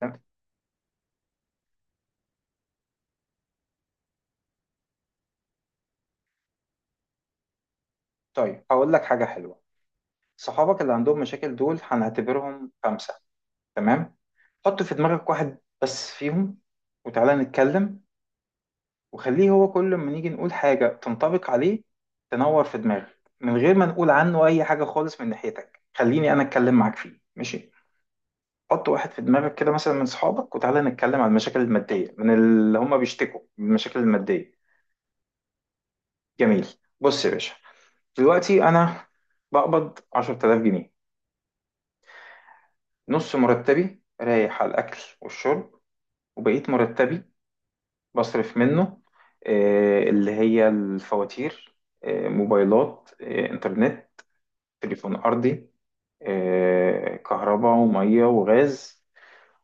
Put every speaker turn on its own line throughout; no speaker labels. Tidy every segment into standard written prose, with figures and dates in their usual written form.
تمام؟ طيب هقول لك حاجة حلوة. صحابك اللي عندهم مشاكل دول هنعتبرهم خمسة. تمام. حط في دماغك واحد بس فيهم وتعالى نتكلم، وخليه هو كل ما نيجي نقول حاجة تنطبق عليه تنور في دماغك، من غير ما نقول عنه أي حاجة خالص من ناحيتك. خليني أنا أتكلم معاك فيه. ماشي. حط واحد في دماغك كده مثلا من صحابك، وتعالى نتكلم عن المشاكل المادية، من اللي هم بيشتكوا من المشاكل المادية. جميل. بص يا باشا، دلوقتي أنا بقبض 10,000 جنيه. نص مرتبي رايح على الأكل والشرب، وبقيت مرتبي بصرف منه، اللي هي الفواتير، موبايلات، إنترنت، تليفون أرضي، كهرباء ومية وغاز.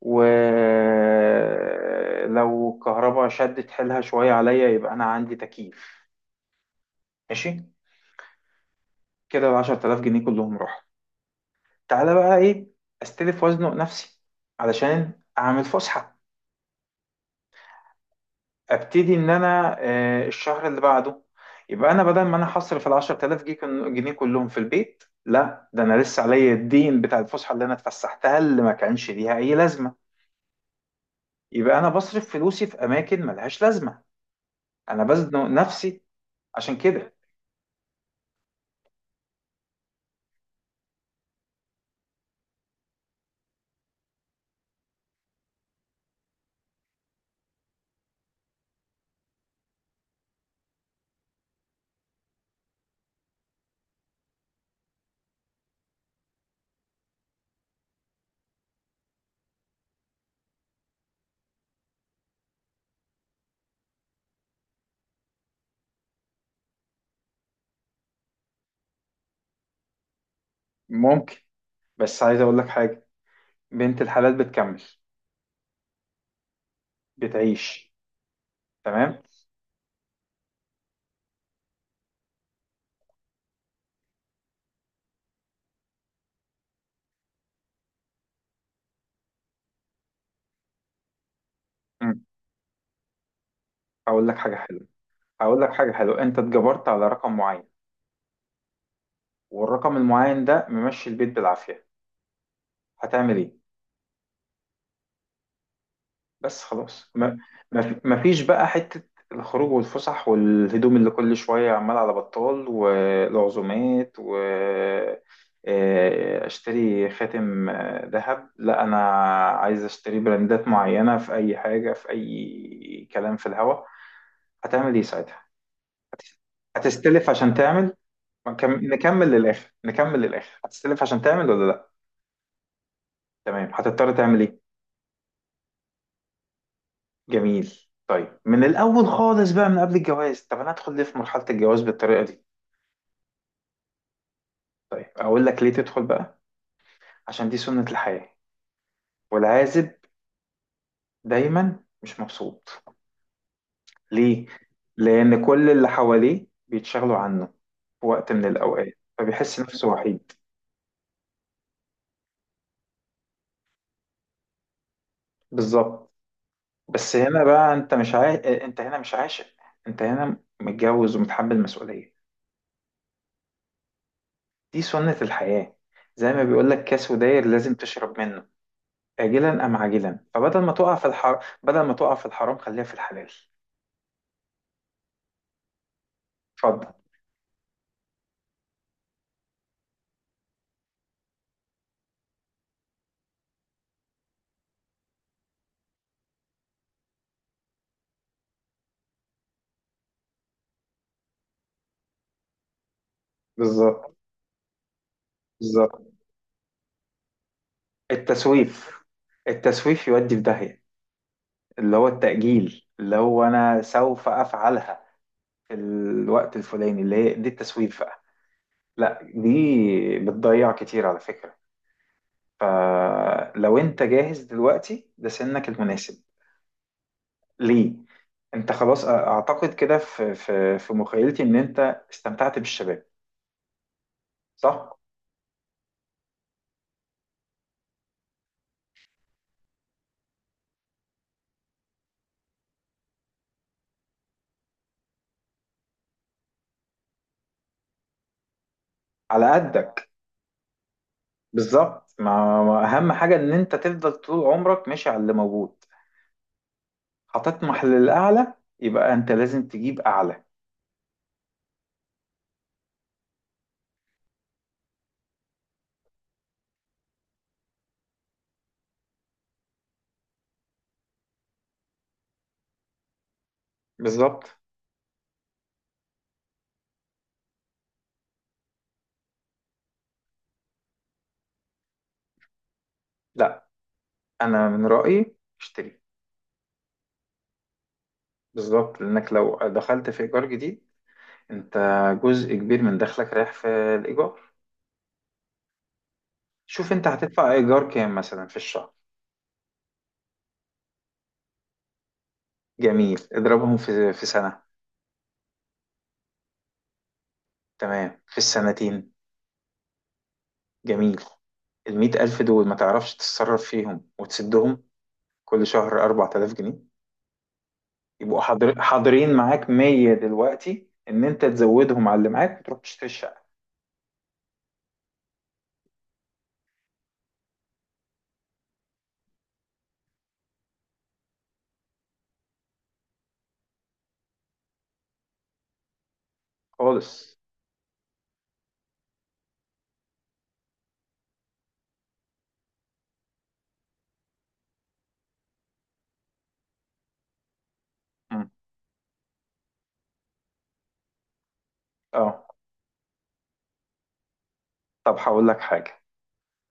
ولو الكهرباء شدت حيلها شوية عليا، يبقى أنا عندي تكييف. ماشي. كده 10,000 جنيه كلهم راحوا. تعالى بقى إيه؟ أستلف وأزنق نفسي علشان أعمل فسحة. ابتدي ان انا الشهر اللي بعده يبقى انا بدل ما انا حصر في ال 10,000 جنيه جنيه كلهم في البيت، لا ده انا لسه عليا الدين بتاع الفسحه اللي انا اتفسحتها، اللي ما كانش ليها اي لازمه. يبقى انا بصرف فلوسي في اماكن ملهاش لازمه. انا بزنق نفسي عشان كده. ممكن، بس عايز اقول لك حاجه، بنت الحلال بتكمل. بتعيش. تمام. مم. هقول لك حاجه حلوه. هقول لك حاجه حلوه، انت اتجبرت على رقم معين، والرقم المعين ده ممشي البيت بالعافيه. هتعمل ايه؟ بس خلاص. ما فيش بقى حتة الخروج والفسح والهدوم اللي كل شوية عمال على بطال، والعزومات، و اشتري خاتم، ذهب. لا انا عايز اشتري براندات معينة في اي حاجة، في اي كلام في الهوا. هتعمل ايه ساعتها؟ هتستلف عشان تعمل؟ ما نكمل للاخر، نكمل للاخر. هتستلف عشان تعمل ولا لا؟ تمام. هتضطر تعمل ايه؟ جميل. طيب من الاول خالص بقى من قبل الجواز؟ طب انا ادخل ليه في مرحله الجواز بالطريقه دي؟ طيب اقول لك ليه تدخل بقى. عشان دي سنه الحياه. والعازب دايما مش مبسوط. ليه؟ لان كل اللي حواليه بيتشغلوا عنه في وقت من الاوقات، فبيحس نفسه وحيد. بالظبط. بس هنا بقى انت هنا مش عاشق. انت هنا متجوز ومتحمل مسؤوليه. دي سنه الحياه. زي ما بيقول لك كاس وداير لازم تشرب منه، آجلا أم عاجلا. فبدل ما تقع في الحرام، بدل ما تقع في الحرام خليها في الحلال. اتفضل. بالظبط. بالظبط. التسويف. التسويف يودي في داهية. اللي هو التأجيل، اللي هو أنا سوف أفعلها في الوقت الفلاني، اللي هي دي التسويف بقى. لا دي بتضيع كتير على فكرة. فلو أنت جاهز دلوقتي ده سنك المناسب. ليه؟ أنت خلاص، أعتقد كده في مخيلتي إن أنت استمتعت بالشباب. صح؟ على قدك. بالظبط. ما اهم حاجه ان انت تفضل طول عمرك ماشي على اللي موجود. هتطمح للاعلى، يبقى انت لازم تجيب اعلى. بالظبط. لا، انا من رايي اشتري. بالظبط، لانك لو دخلت في ايجار جديد، انت جزء كبير من دخلك رايح في الايجار. شوف انت هتدفع ايجار كام مثلا في الشهر. جميل، اضربهم في سنه. تمام، في السنتين. جميل. 100,000 دول ما تعرفش تتصرف فيهم وتسدهم. كل شهر 4,000 جنيه يبقوا حاضرين معاك 100، دلوقتي ان انت تزودهم على اللي معاك وتروح تشتري الشقه. خالص. مم. اه طب هقول لك حاجه.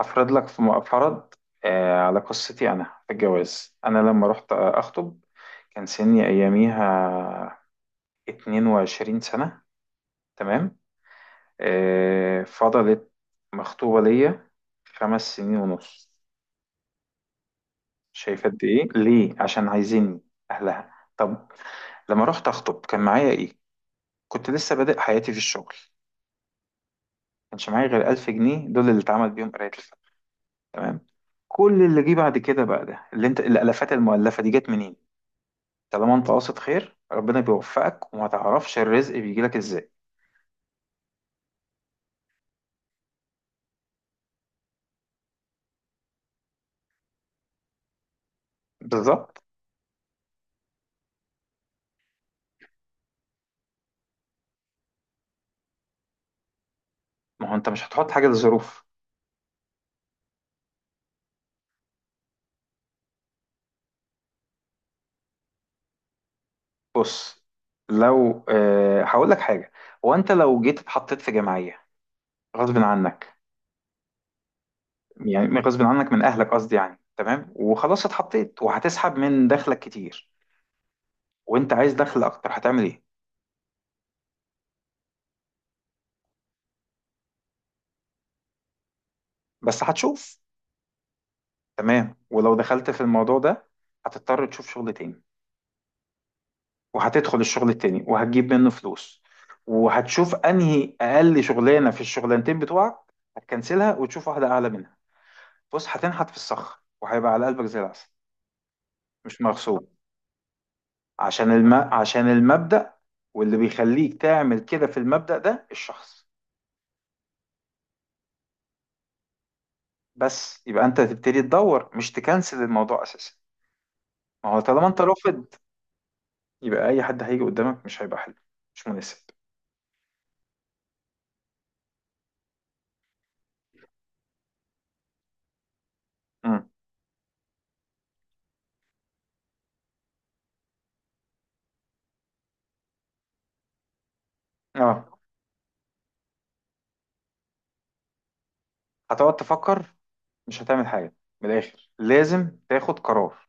افرض لك في فرض. على قصتي انا في الجواز، انا لما رحت اخطب كان سني اياميها 22 سنه. تمام. فضلت مخطوبه ليا 5 سنين ونص. شايفه قد ايه؟ ليه؟ عشان عايزيني اهلها. طب لما رحت اخطب كان معايا ايه؟ كنت لسه بادئ حياتي في الشغل، كانش معايا غير 1,000 جنيه، دول اللي اتعمل بيهم قراية الفن. تمام. كل اللي جه بعد كده بقى، ده اللي انت الالافات المؤلفه دي، جت منين؟ طالما انت قاصد خير، ربنا بيوفقك وما تعرفش الرزق بيجيلك ازاي. بالظبط. ما هو انت مش هتحط حاجه للظروف. بص، لو هقول لك حاجه، هو انت لو جيت اتحطيت في جمعيه غصب عنك، يعني غصب عنك من اهلك قصدي، يعني تمام وخلاص اتحطيت وهتسحب من دخلك كتير، وانت عايز دخل اكتر، هتعمل ايه؟ بس هتشوف. تمام. ولو دخلت في الموضوع ده هتضطر تشوف شغل تاني، وهتدخل الشغل التاني وهتجيب منه فلوس، وهتشوف انهي اقل شغلانه في الشغلانتين بتوعك هتكنسلها وتشوف واحده اعلى منها. بص هتنحت في الصخر وهيبقى على قلبك زي العسل. مش مغصوب. عشان المبدأ. واللي بيخليك تعمل كده في المبدأ ده الشخص. بس يبقى انت تبتدي تدور، مش تكنسل الموضوع اساسا. ما هو طالما انت رافض، يبقى اي حد هيجي قدامك مش هيبقى حلو. مش مناسب. امم اه هتقعد تفكر، مش هتعمل حاجة. من الآخر لازم تاخد قرار،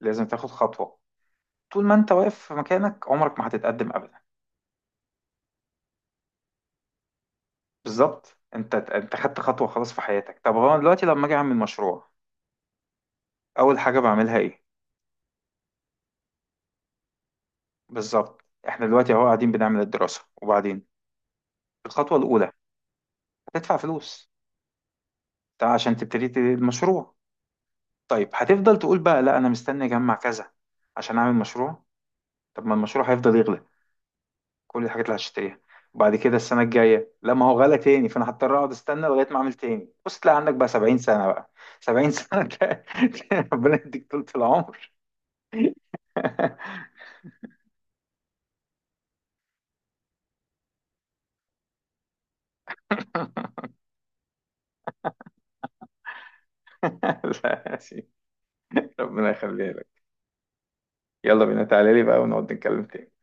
لازم تاخد خطوة. طول ما انت واقف في مكانك عمرك ما هتتقدم أبدا. بالظبط. انت خدت خطوة خلاص في حياتك. طب هو أنا دلوقتي لما أجي أعمل مشروع، أول حاجة بعملها إيه؟ بالظبط. احنا دلوقتي اهو قاعدين بنعمل الدراسة، وبعدين الخطوة الأولى هتدفع فلوس. ده عشان تبتدي المشروع. طيب هتفضل تقول بقى، لا أنا مستني أجمع كذا عشان أعمل مشروع. طب ما المشروع هيفضل يغلى، كل الحاجات اللي هشتريها. وبعد كده السنة الجاية، لا ما هو غلى تاني، فانا هضطر اقعد استنى لغاية ما اعمل تاني. بص تلاقي عندك بقى 70 سنة بقى. 70 سنة ده. ربنا يديك طولة العمر. لا يا سيدي. ربنا يخليها لك. يلا بينا تعالى لي بقى ونقعد نتكلم تاني.